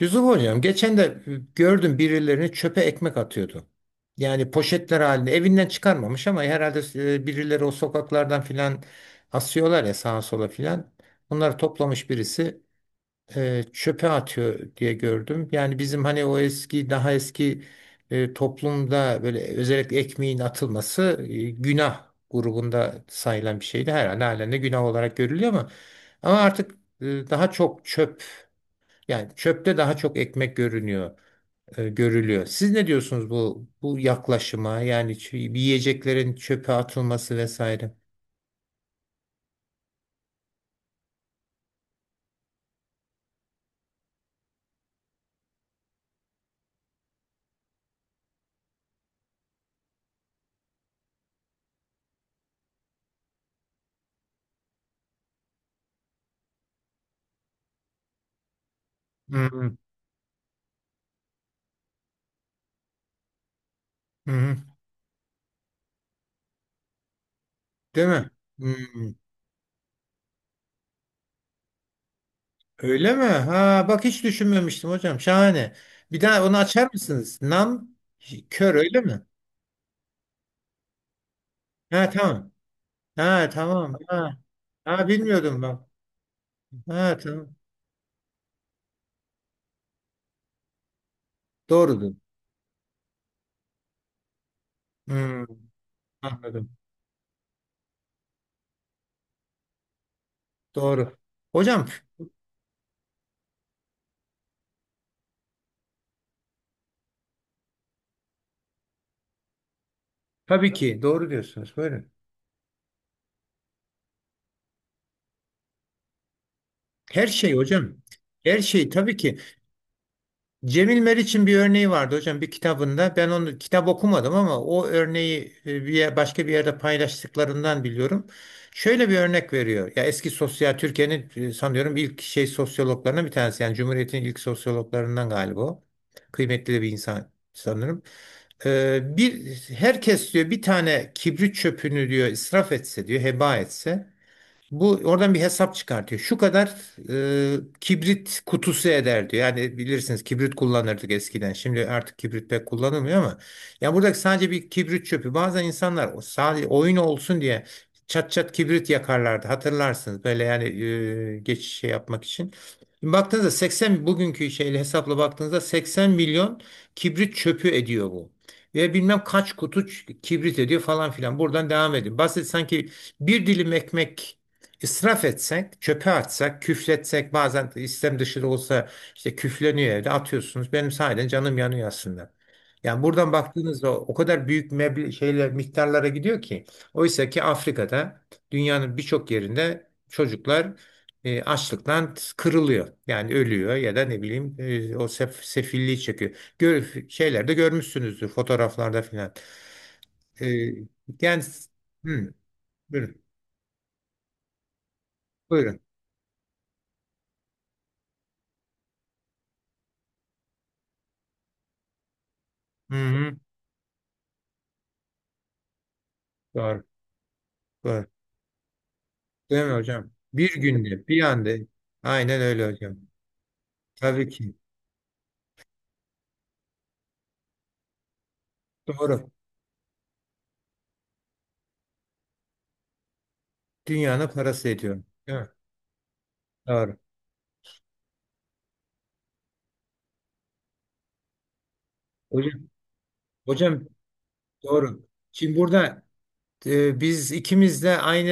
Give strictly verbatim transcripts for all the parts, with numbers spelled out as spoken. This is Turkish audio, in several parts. Yusuf hocam geçen de e, gördüm birilerini çöpe ekmek atıyordu. Yani poşetler halinde evinden çıkarmamış ama herhalde e, birileri o sokaklardan filan asıyorlar ya sağa sola filan. Bunları toplamış birisi e, çöpe atıyor diye gördüm. Yani bizim hani o eski daha eski e, toplumda böyle özellikle ekmeğin atılması e, günah grubunda sayılan bir şeydi. Herhalde halen de günah olarak görülüyor ama ama artık e, daha çok çöp yani çöpte daha çok ekmek görünüyor, e, görülüyor. Siz ne diyorsunuz bu bu yaklaşıma? Yani ç- yiyeceklerin çöpe atılması vesaire. Hı hı. hı hı. Değil mi? Hı. Öyle mi? Ha bak hiç düşünmemiştim hocam. Şahane. Bir daha onu açar mısınız? Nam kör öyle mi? Ha tamam. Ha tamam. Ha. Ha bilmiyordum ben. Ha tamam. Doğrudur. Hı, anladım. Doğru. Hocam tabii ki doğru diyorsunuz. Buyurun. Her şey hocam. Her şey tabii ki. Cemil Meriç'in bir örneği vardı hocam bir kitabında. Ben onu kitap okumadım ama o örneği e, bir yer- başka bir yerde paylaştıklarından biliyorum. Şöyle bir örnek veriyor. Ya eski sosyal Türkiye'nin e, sanıyorum ilk şey sosyologlarından bir tanesi. Yani Cumhuriyet'in ilk sosyologlarından galiba o. Kıymetli bir insan sanırım. Ee, bir herkes diyor bir tane kibrit çöpünü diyor israf etse diyor heba etse bu oradan bir hesap çıkartıyor. Şu kadar e, kibrit kutusu eder diyor. Yani bilirsiniz kibrit kullanırdık eskiden. Şimdi artık kibrit pek kullanılmıyor ama ya buradaki sadece bir kibrit çöpü. Bazen insanlar o sadece oyun olsun diye çat çat kibrit yakarlardı. Hatırlarsınız böyle yani e, geçiş şey yapmak için. Şimdi baktığınızda seksen bugünkü şeyle hesapla baktığınızda seksen milyon kibrit çöpü ediyor bu. Ve bilmem kaç kutu ç- kibrit ediyor falan filan. Buradan devam edin. Basit sanki bir dilim ekmek İsraf etsek, çöpe atsak, küfletsek bazen istem dışı da olsa işte küfleniyor evde atıyorsunuz. Benim sahiden canım yanıyor aslında. Yani buradan baktığınızda o kadar büyük meble şeyler miktarlara gidiyor ki. Oysa ki Afrika'da dünyanın birçok yerinde çocuklar e, açlıktan kırılıyor. Yani ölüyor ya da ne bileyim e, o sef, sefilliği çekiyor. Gör, şeylerde görmüşsünüzdür fotoğraflarda filan. E, Yani, hmm, buyurun. Buyurun. Hı hı, doğru. Doğru. Değil mi hocam? Bir günde, bir anda. Aynen öyle hocam. Tabii ki. Doğru. Dünyanın parası ediyor. Değil mi? Doğru. Hocam, hocam doğru. Şimdi burada e, biz ikimiz de aynı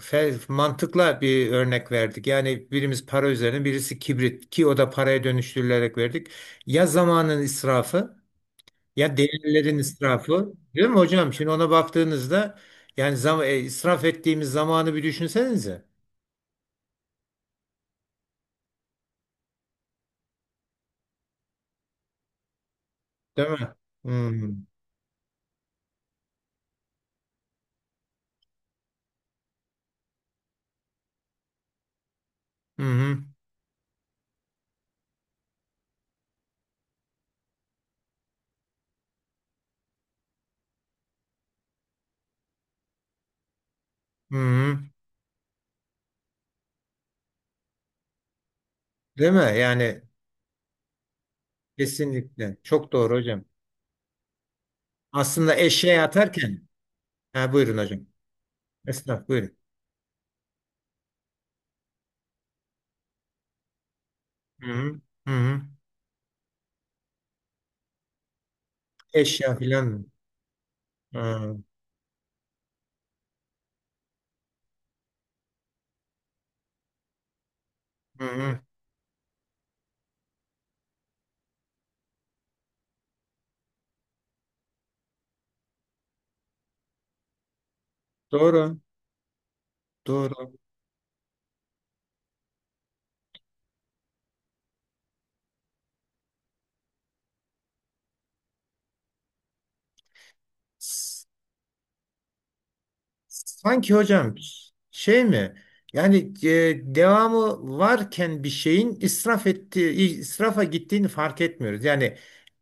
fe- mantıkla bir örnek verdik. Yani birimiz para üzerine, birisi kibrit ki o da paraya dönüştürülerek verdik. Ya zamanın israfı ya değerlerin israfı. Değil mi hocam? Şimdi ona baktığınızda yani zam e, israf ettiğimiz zamanı bir düşünsenize. Değil mi? Hmm. Hı hı. Hı hı. Değil mi? Yani kesinlikle. Çok doğru hocam. Aslında eşeğe atarken ha, buyurun hocam. Esnaf buyurun. Hı hı. Hı hı. Eşya filan mı? Ha. Hı hı. Doğru. Doğru. S- Sanki hocam şey mi? Yani e, devamı varken bir şeyin israf ettiği, israfa gittiğini fark etmiyoruz. Yani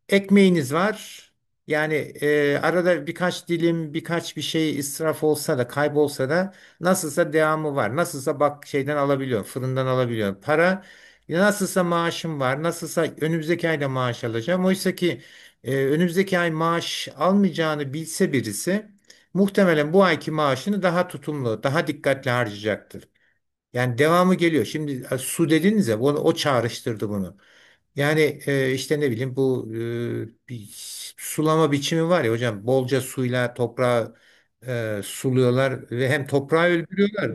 ekmeğiniz var. Yani e, arada birkaç dilim, birkaç bir şey israf olsa da, kaybolsa da nasılsa devamı var. Nasılsa bak şeyden alabiliyorum, fırından alabiliyorum. Para ya nasılsa maaşım var. Nasılsa önümüzdeki ayda maaş alacağım. Oysa ki e, önümüzdeki ay maaş almayacağını bilse birisi muhtemelen bu ayki maaşını daha tutumlu, daha dikkatli harcayacaktır. Yani devamı geliyor. Şimdi e, su dediniz ya, o, o çağrıştırdı bunu. Yani e, işte ne bileyim bu e, bir sulama biçimi var ya hocam bolca suyla toprağı e, suluyorlar ve hem toprağı öldürüyorlar.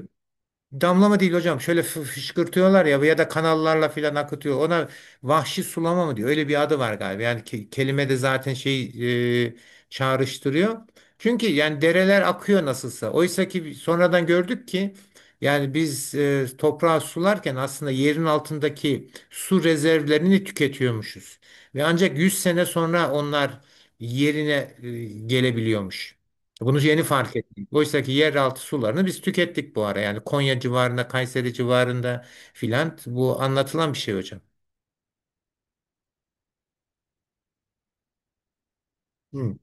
Damlama değil hocam. Şöyle fı- fışkırtıyorlar ya ya da kanallarla filan akıtıyor. Ona vahşi sulama mı diyor? Öyle bir adı var galiba. Yani ke- kelime de zaten şey e, çağrıştırıyor. Çünkü yani dereler akıyor nasılsa. Oysa ki sonradan gördük ki yani biz e, toprağı sularken aslında yerin altındaki su rezervlerini tüketiyormuşuz. Ve ancak yüz sene sonra onlar yerine e, gelebiliyormuş. Bunu yeni fark Oysa ki yeraltı sularını biz tükettik bu ara. Yani Konya civarında, Kayseri civarında filan bu anlatılan bir şey hocam. Hı.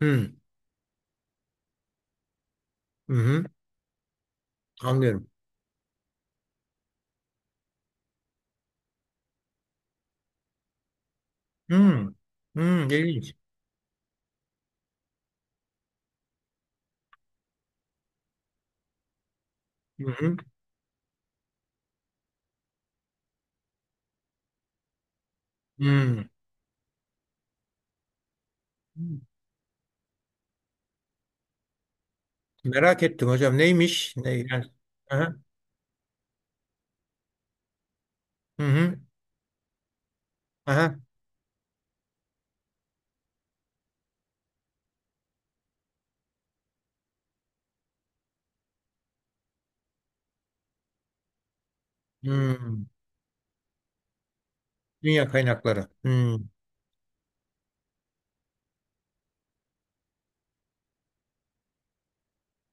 Hı. Hı hı. Anlıyorum. Hı. Hı. İlginç. Hı hı. Hı. Merak ettim hocam. Neymiş? Ne, yani? Aha. Hı hı. Aha. Hı. Dünya kaynakları. Hı.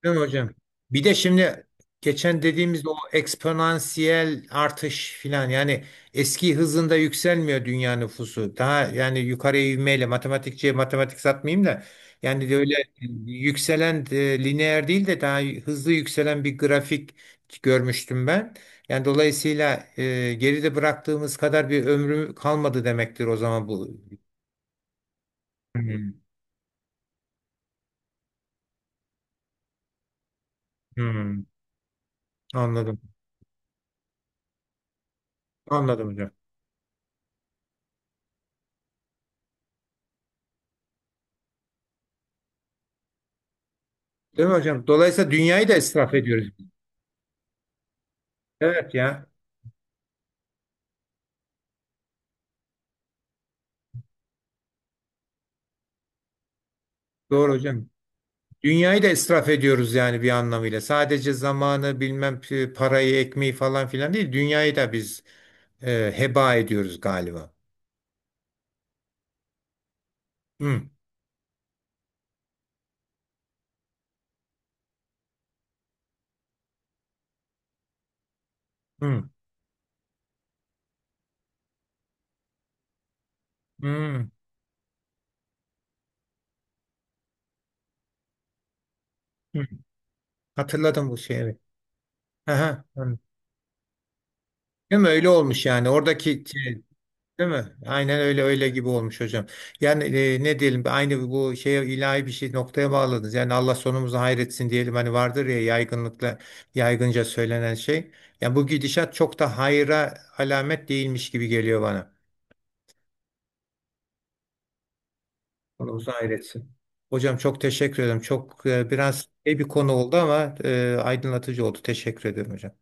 Değil mi hocam? Bir de şimdi geçen dediğimiz o eksponansiyel artış filan yani eski hızında yükselmiyor dünya nüfusu. Daha yani yukarıya ivmeyle matematikçiye matematik satmayayım da yani de öyle yükselen e, lineer değil de daha hızlı yükselen bir grafik görmüştüm ben. Yani dolayısıyla e, geride bıraktığımız kadar bir ömrü kalmadı demektir o zaman bu. Hmm, hmm, Anladım. Anladım hocam. Değil mi hocam? Dolayısıyla dünyayı da israf ediyoruz. Evet ya. Doğru hocam. Dünyayı da israf ediyoruz yani bir anlamıyla. Sadece zamanı bilmem p- parayı ekmeği falan filan değil. Dünyayı da biz e, heba ediyoruz galiba. Hı, hı, hı, hı. Hatırladım bu şeyi. Evet. Aha, hı. Değil mi? Öyle olmuş yani. Oradaki şey. Değil mi? Aynen öyle öyle gibi olmuş hocam. Yani e, ne diyelim aynı bu şeye ilahi bir şey noktaya bağladınız. Yani Allah sonumuzu hayretsin diyelim hani vardır ya yaygınlıkla yaygınca söylenen şey. Yani bu gidişat çok da hayra alamet değilmiş gibi geliyor bana. Sonumuzu hayretsin. Hocam çok teşekkür ederim. Çok e, biraz şey bir konu oldu ama e, aydınlatıcı oldu. Teşekkür ederim hocam.